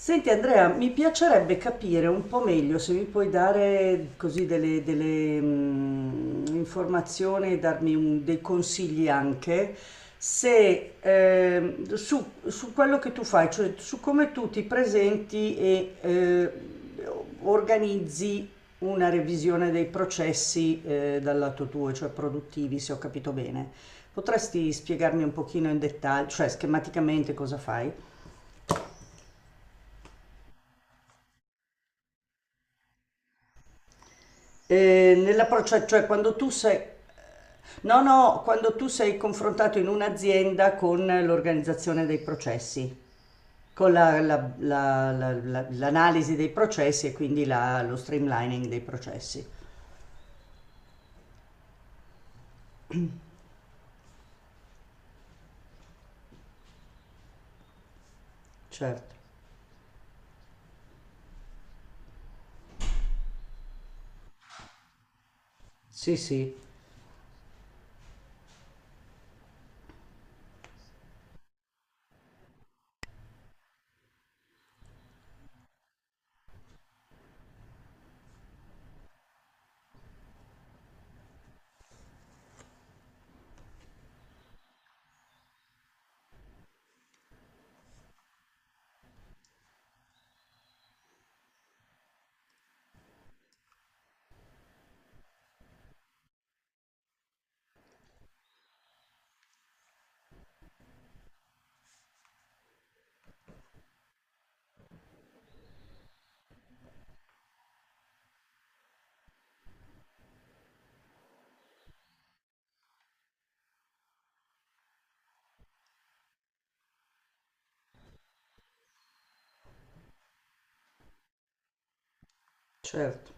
Senti Andrea, mi piacerebbe capire un po' meglio se mi puoi dare così delle, informazioni e darmi dei consigli anche se, su quello che tu fai, cioè su come tu ti presenti e organizzi una revisione dei processi dal lato tuo, cioè produttivi, se ho capito bene. Potresti spiegarmi un pochino in dettaglio, cioè schematicamente cosa fai? Nell'approccio, cioè quando tu sei, no, no, quando tu sei confrontato in un'azienda con l'organizzazione dei processi, con l'analisi dei processi e quindi lo streamlining dei processi. Certo, sì, sì, certo,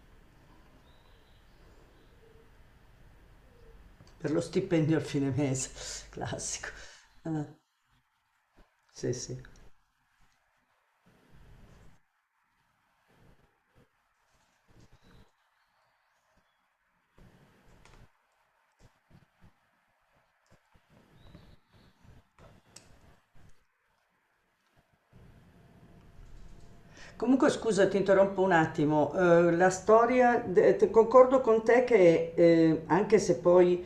per lo stipendio al fine mese, classico. Ah, sì, sì. Comunque, scusa, ti interrompo un attimo. La storia, de- te- concordo con te che anche se poi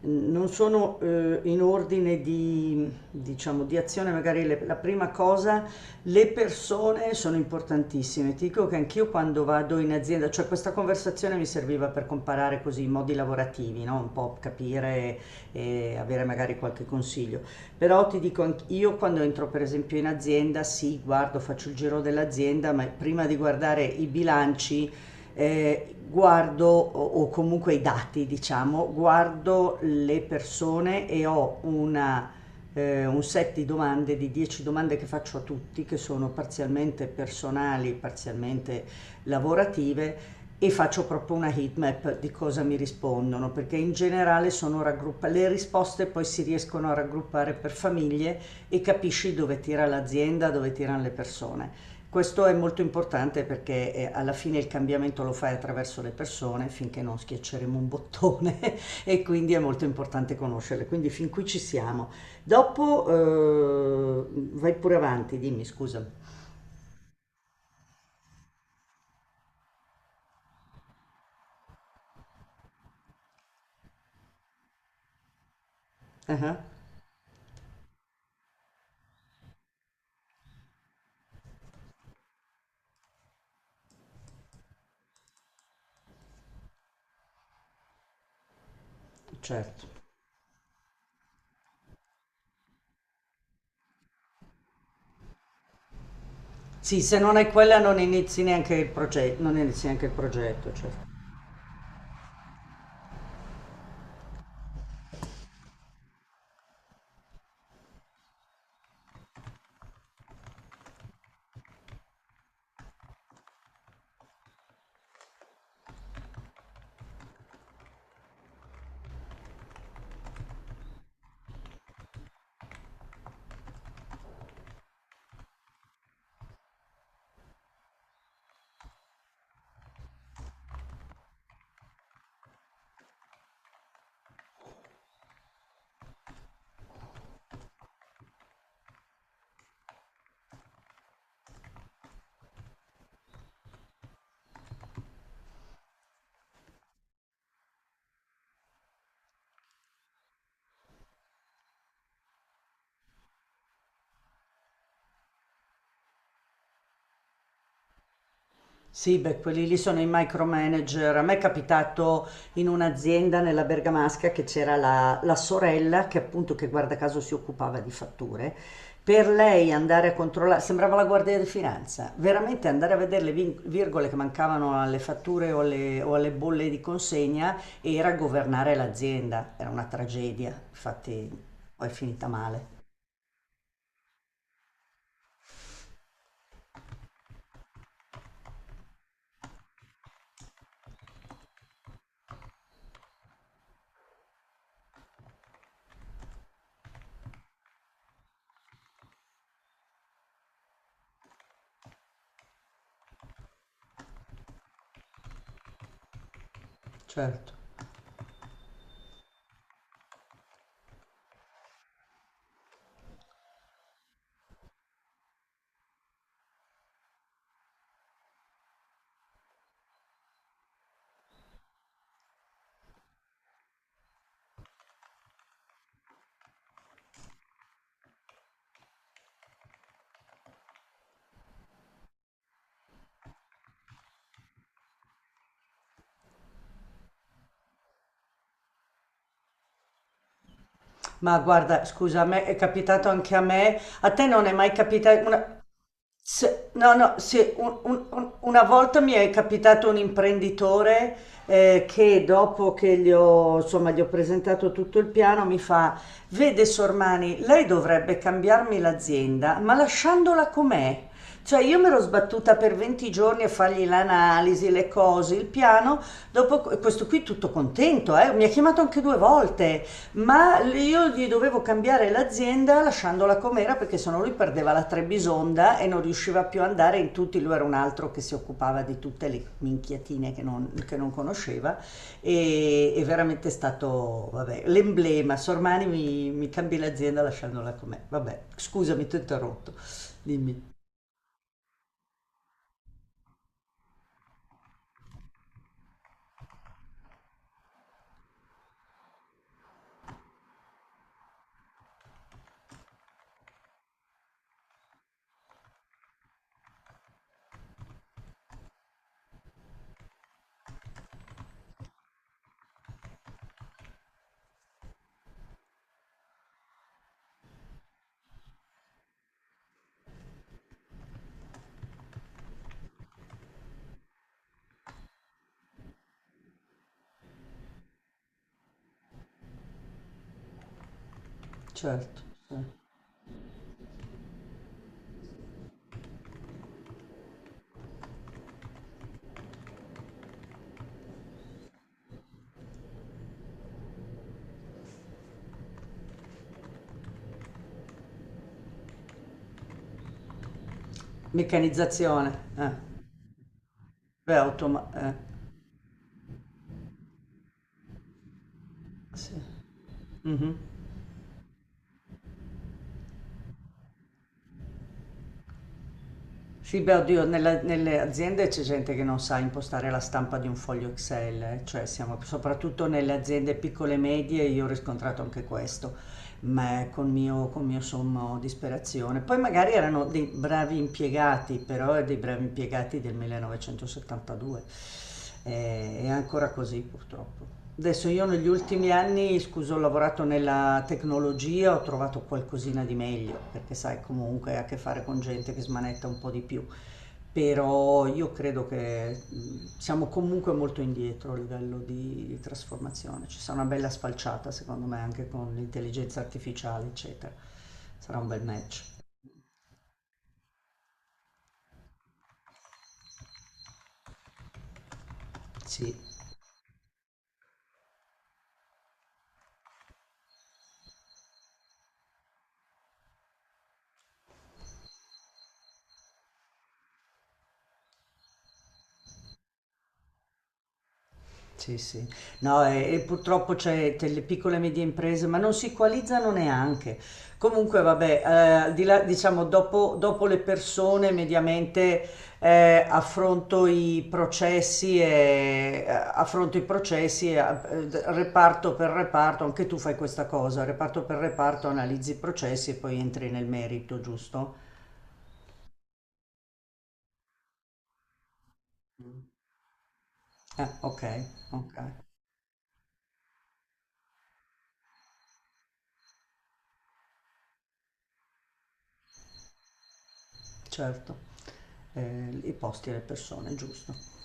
non sono in ordine di, diciamo, di azione, magari la prima cosa, le persone sono importantissime. Ti dico che anch'io quando vado in azienda, cioè questa conversazione mi serviva per comparare così i modi lavorativi, no? Un po' capire e avere magari qualche consiglio. Però ti dico, io quando entro per esempio in azienda, sì, guardo, faccio il giro dell'azienda, ma prima di guardare i bilanci, guardo o comunque i dati, diciamo, guardo le persone e ho un set di domande, di 10 domande che faccio a tutti, che sono parzialmente personali, parzialmente lavorative, e faccio proprio una heatmap di cosa mi rispondono, perché in generale sono le risposte poi si riescono a raggruppare per famiglie e capisci dove tira l'azienda, dove tirano le persone. Questo è molto importante perché alla fine il cambiamento lo fai attraverso le persone finché non schiacceremo un bottone e quindi è molto importante conoscerle. Quindi fin qui ci siamo. Dopo vai pure avanti, dimmi scusa. Ah, certo. Sì, se non hai quella non inizi neanche il progetto, non inizi neanche il progetto, certo. Sì, beh, quelli lì sono i micromanager. A me è capitato in un'azienda nella Bergamasca che c'era la sorella che appunto, che guarda caso si occupava di fatture. Per lei andare a controllare, sembrava la guardia di finanza, veramente andare a vedere le virgole che mancavano alle fatture o alle bolle di consegna era governare l'azienda. Era una tragedia, infatti poi è finita male, certo. Ma guarda, scusa, a me è capitato anche a me. A te non è mai capitato una. No, no, se un- un- una volta mi è capitato un imprenditore che dopo che gli ho, insomma, gli ho presentato tutto il piano mi fa, vede Sormani, lei dovrebbe cambiarmi l'azienda, ma lasciandola com'è. Cioè io mi ero sbattuta per 20 giorni a fargli l'analisi, le cose, il piano, dopo questo qui tutto contento, mi ha chiamato anche due volte. Ma io gli dovevo cambiare l'azienda lasciandola com'era perché sennò lui perdeva la Trebisonda e non riusciva più ad andare in tutti, lui era un altro che si occupava di tutte le minchiatine che non conosceva, e è veramente stato, vabbè, l'emblema, Sormani mi cambi l'azienda lasciandola com'è, vabbè, scusami ti ho interrotto, dimmi, certo, eh. Meccanizzazione, eh. Beh, sì. Mhm. Sì, beh, oddio, nelle aziende c'è gente che non sa impostare la stampa di un foglio Excel, cioè siamo soprattutto nelle aziende piccole e medie, io ho riscontrato anche questo ma con mio sommo disperazione. Poi magari erano dei bravi impiegati, però dei bravi impiegati del 1972. È ancora così purtroppo. Adesso io negli ultimi anni, scusa, ho lavorato nella tecnologia, ho trovato qualcosina di meglio, perché sai, comunque hai a che fare con gente che smanetta un po' di più. Però io credo che, siamo comunque molto indietro a livello di trasformazione. Ci sarà una bella sfalciata secondo me anche con l'intelligenza artificiale, eccetera. Sarà un bel match, sì. Sì, sì. No, e purtroppo le piccole e medie imprese, ma non si equalizzano neanche. Comunque, vabbè, al di là, diciamo, dopo le persone, mediamente affronto i processi reparto per reparto, anche tu fai questa cosa, reparto per reparto, analizzi i processi e poi entri nel merito, giusto? Ok, ok, certo. I posti e le persone, giusto.